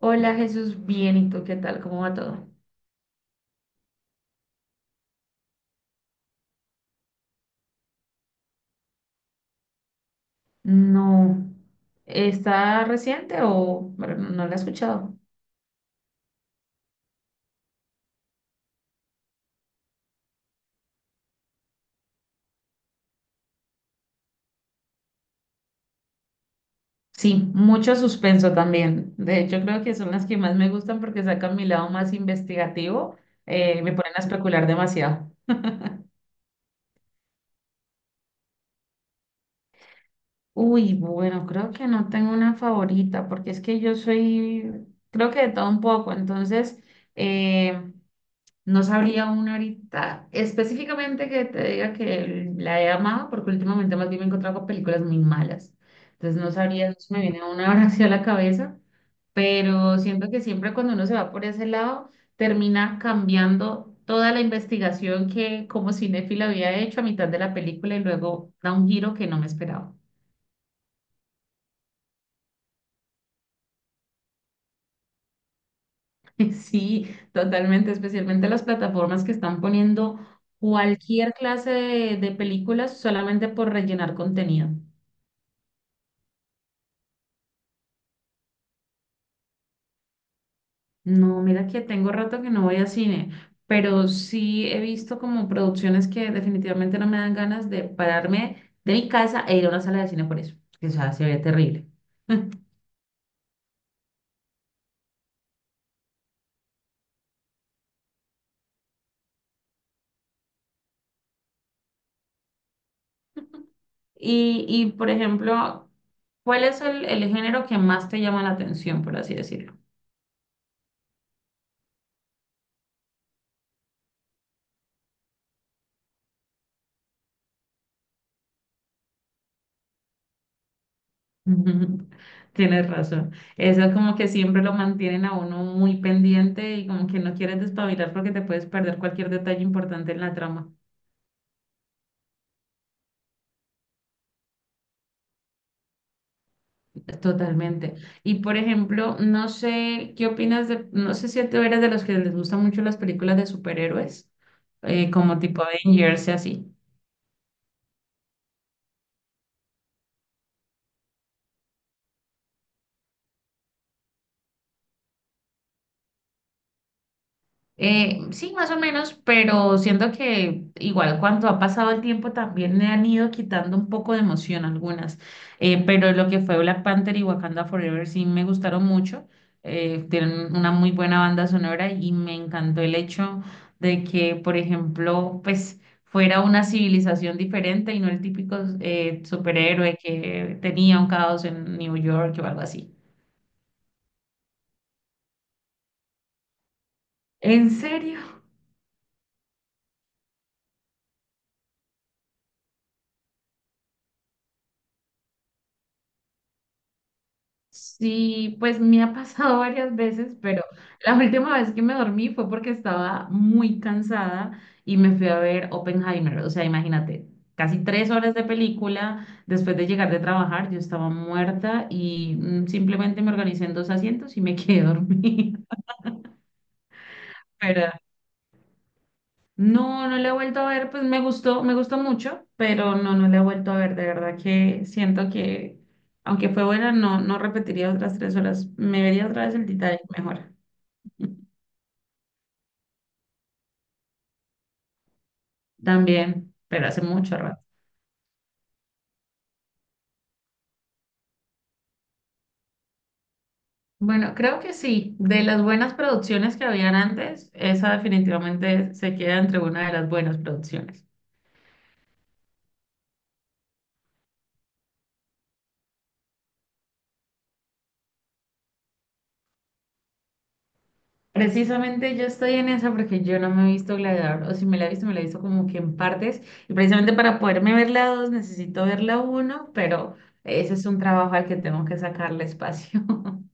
Hola Jesús, bien, ¿y tú qué tal? ¿Cómo va todo? No. ¿Está reciente o bueno, no la he escuchado? Sí, mucho suspenso también. De hecho, creo que son las que más me gustan porque sacan mi lado más investigativo. Me ponen a especular demasiado. Uy, bueno, creo que no tengo una favorita porque es que yo soy, creo que de todo un poco, entonces, eh, no sabría una ahorita específicamente que te diga que la he amado, porque últimamente más bien me he encontrado con películas muy malas. Entonces no sabría, no se me viene una ahora hacia la cabeza, pero siento que siempre cuando uno se va por ese lado, termina cambiando toda la investigación que como cinéfila había hecho a mitad de la película y luego da un giro que no me esperaba. Sí, totalmente, especialmente las plataformas que están poniendo cualquier clase de películas solamente por rellenar contenido. No, mira que tengo rato que no voy a cine, pero sí he visto como producciones que definitivamente no me dan ganas de pararme de mi casa e ir a una sala de cine por eso, que o sea, se ve terrible. Y por ejemplo, ¿cuál es el género que más te llama la atención, por así decirlo? Ujú. Tienes razón. Eso como que siempre lo mantienen a uno muy pendiente y como que no quieres despabilar porque te puedes perder cualquier detalle importante en la trama. Totalmente. Y por ejemplo, no sé qué opinas de, no sé si tú eres de los que les gustan mucho las películas de superhéroes, como tipo Avengers y así. Sí, más o menos, pero siento que igual cuando ha pasado el tiempo también le han ido quitando un poco de emoción algunas. Pero lo que fue Black Panther y Wakanda Forever sí me gustaron mucho. Tienen una muy buena banda sonora y me encantó el hecho de que, por ejemplo, pues fuera una civilización diferente y no el típico superhéroe que tenía un caos en New York o algo así. ¿En serio? Sí, pues me ha pasado varias veces, pero la última vez que me dormí fue porque estaba muy cansada y me fui a ver Oppenheimer. O sea, imagínate, casi 3 horas de película. Después de llegar de trabajar, yo estaba muerta y simplemente me organicé en dos asientos y me quedé dormida. Pero no, no la he vuelto a ver. Pues me gustó mucho, pero no, no la he vuelto a ver. De verdad que siento que, aunque fue buena, no, no repetiría otras 3 horas. Me vería otra vez el Titanic mejor. También, pero hace mucho rato. Bueno, creo que sí. De las buenas producciones que habían antes, esa definitivamente se queda entre una de las buenas producciones. Precisamente yo estoy en esa porque yo no me he visto Gladiador, o si me la he visto, me la he visto como que en partes, y precisamente para poderme ver la dos necesito ver la uno, pero ese es un trabajo al que tengo que sacarle espacio.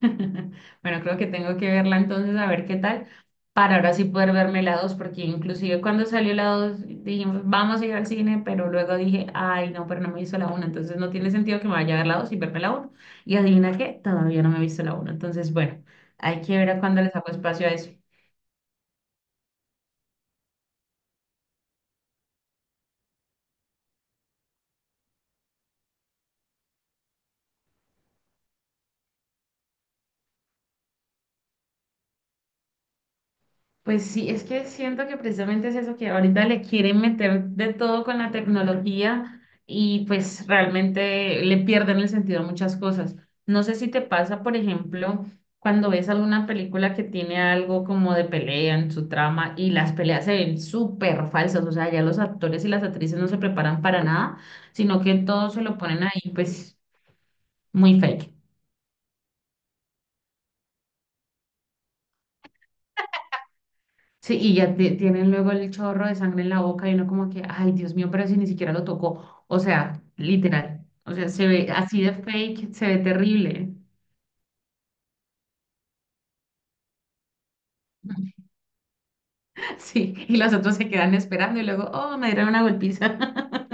Bueno, creo que tengo que verla entonces a ver qué tal, para ahora sí poder verme la 2, porque inclusive cuando salió la 2 dijimos, vamos a ir al cine, pero luego dije, ay, no, pero no me hizo la 1, entonces no tiene sentido que me vaya a ver la 2 y verme la uno. Y adivina qué, todavía no me he visto la uno, entonces bueno, hay que ver a cuándo le saco espacio a eso. Pues sí, es que siento que precisamente es eso que ahorita le quieren meter de todo con la tecnología y pues realmente le pierden el sentido a muchas cosas. No sé si te pasa, por ejemplo, cuando ves alguna película que tiene algo como de pelea en su trama y las peleas se ven súper falsas, o sea, ya los actores y las actrices no se preparan para nada, sino que todo se lo ponen ahí pues muy fake. Sí, y ya tienen luego el chorro de sangre en la boca y uno como que, ay, Dios mío, pero si ni siquiera lo tocó. O sea, literal. O sea, se ve así de fake, se ve terrible. Sí, y los otros se quedan esperando y luego, oh, me dieron una golpiza.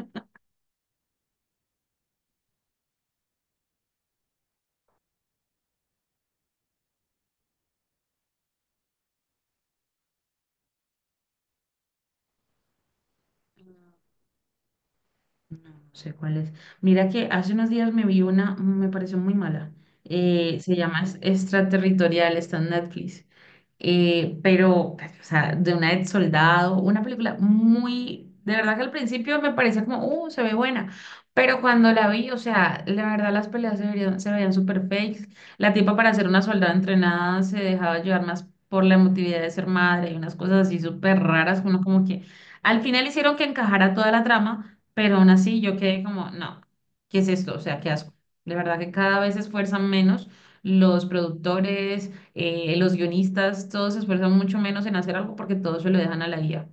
No, no sé cuál es. Mira que hace unos días me vi una, me pareció muy mala. Se llama Extraterritorial, está en Netflix. Pero, pues, o sea, de una de soldado, una película muy, de verdad que al principio me parecía como, se ve buena, pero cuando la vi, o sea, la verdad las peleas se veían súper fakes, la tipa para ser una soldada entrenada se dejaba llevar más por la emotividad de ser madre y unas cosas así súper raras, uno como que al final hicieron que encajara toda la trama, pero aún así yo quedé como, no, ¿qué es esto? O sea, qué asco. De verdad que cada vez se esfuerzan menos los productores, los guionistas, todos se esfuerzan mucho menos en hacer algo porque todos se lo dejan a la IA.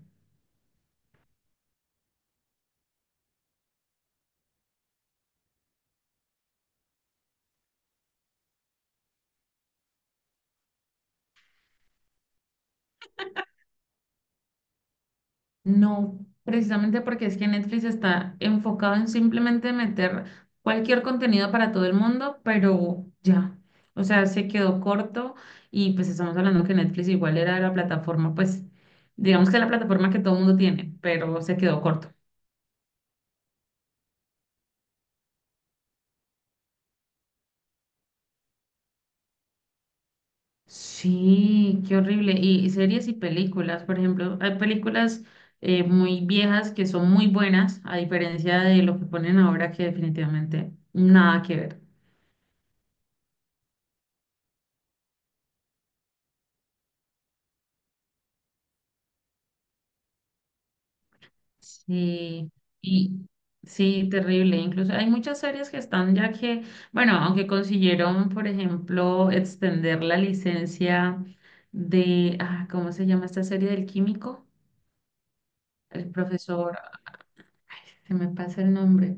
No, precisamente porque es que Netflix está enfocado en simplemente meter cualquier contenido para todo el mundo, pero ya, o sea, se quedó corto y pues estamos hablando que Netflix igual era la plataforma, pues digamos que la plataforma que todo el mundo tiene, pero se quedó corto. Sí, qué horrible. Y series y películas, por ejemplo, hay películas muy viejas que son muy buenas, a diferencia de lo que ponen ahora que definitivamente nada que ver. Sí, y sí, terrible. Incluso hay muchas series que están ya que, bueno, aunque consiguieron, por ejemplo, extender la licencia de, ¿cómo se llama esta serie del químico? El profesor, ay, se me pasa el nombre.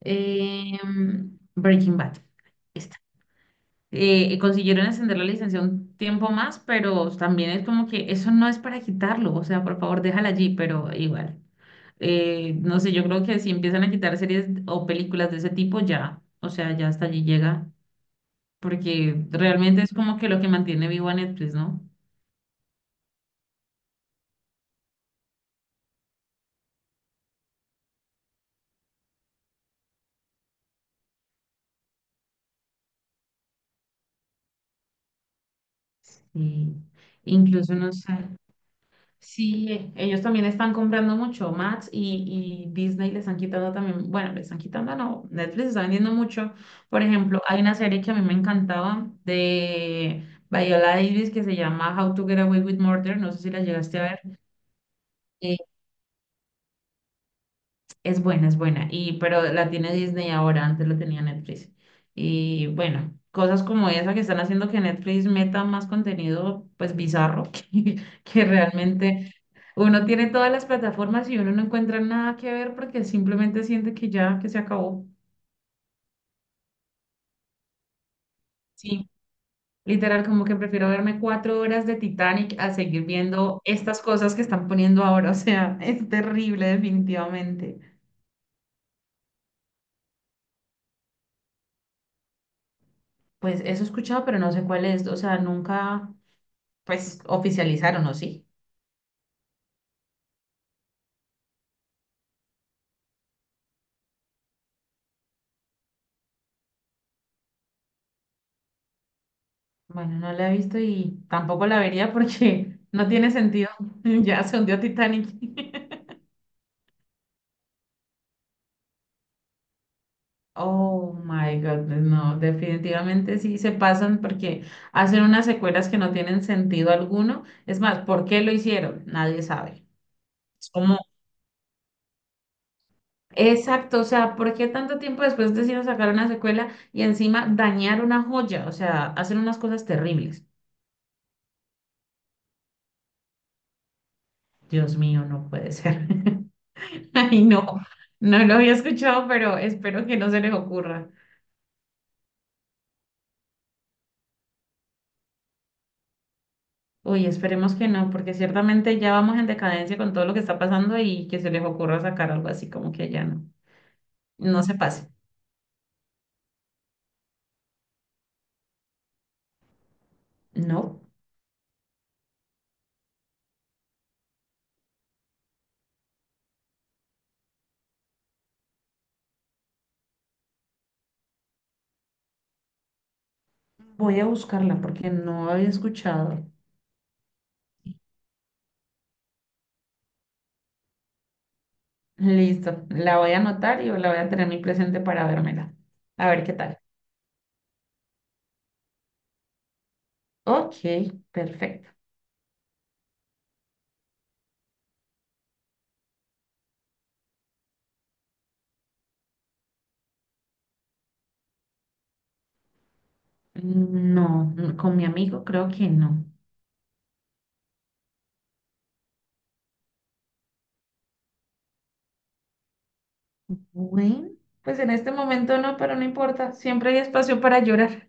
Breaking Bad. Esta. Consiguieron extender la licencia un tiempo más, pero también es como que eso no es para quitarlo, o sea, por favor, déjala allí, pero igual. No sé, yo creo que si empiezan a quitar series o películas de ese tipo, ya, o sea, ya hasta allí llega, porque realmente es como que lo que mantiene vivo a Netflix, ¿no? Sí. Incluso no sé. Sí, ellos también están comprando mucho. Max y Disney les han quitando también, bueno, les están quitando, no, Netflix está vendiendo mucho. Por ejemplo, hay una serie que a mí me encantaba de Viola Davis que se llama How to Get Away with Murder, no sé si la llegaste a ver. Es buena, es buena. Y, pero la tiene Disney ahora, antes la tenía Netflix. Y bueno, cosas como esa que están haciendo que Netflix meta más contenido, pues bizarro, que realmente uno tiene todas las plataformas y uno no encuentra nada que ver porque simplemente siente que ya, que se acabó. Sí, literal, como que prefiero verme 4 horas de Titanic a seguir viendo estas cosas que están poniendo ahora. O sea, es terrible, definitivamente. Pues eso he escuchado, pero no sé cuál es. O sea, nunca. Pues oficializaron, ¿o sí? Bueno, no la he visto y tampoco la vería porque no tiene sentido. Ya se hundió Titanic. Oh my God, no, definitivamente sí se pasan porque hacen unas secuelas que no tienen sentido alguno. Es más, ¿por qué lo hicieron? Nadie sabe. Es como, exacto, o sea, ¿por qué tanto tiempo después decidieron sacar una secuela y encima dañar una joya? O sea, hacen unas cosas terribles. Dios mío, no puede ser. Ay, no, no lo había escuchado, pero espero que no se les ocurra. Uy, esperemos que no, porque ciertamente ya vamos en decadencia con todo lo que está pasando y que se les ocurra sacar algo así como que ya no, no se pase. No, voy a buscarla porque no había escuchado. Listo, la voy a anotar y la voy a tener muy presente para vérmela. A ver qué tal. Ok, perfecto. No, no, con mi amigo creo que no. Bueno, pues en este momento no, pero no importa, siempre hay espacio para llorar.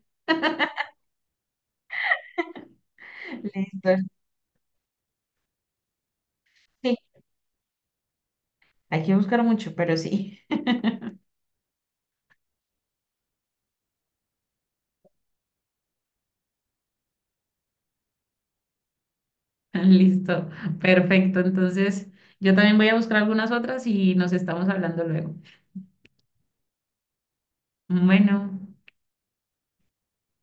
Listo. Sí, hay que buscar mucho, pero sí. Listo, perfecto. Entonces, yo también voy a buscar algunas otras y nos estamos hablando luego. Bueno.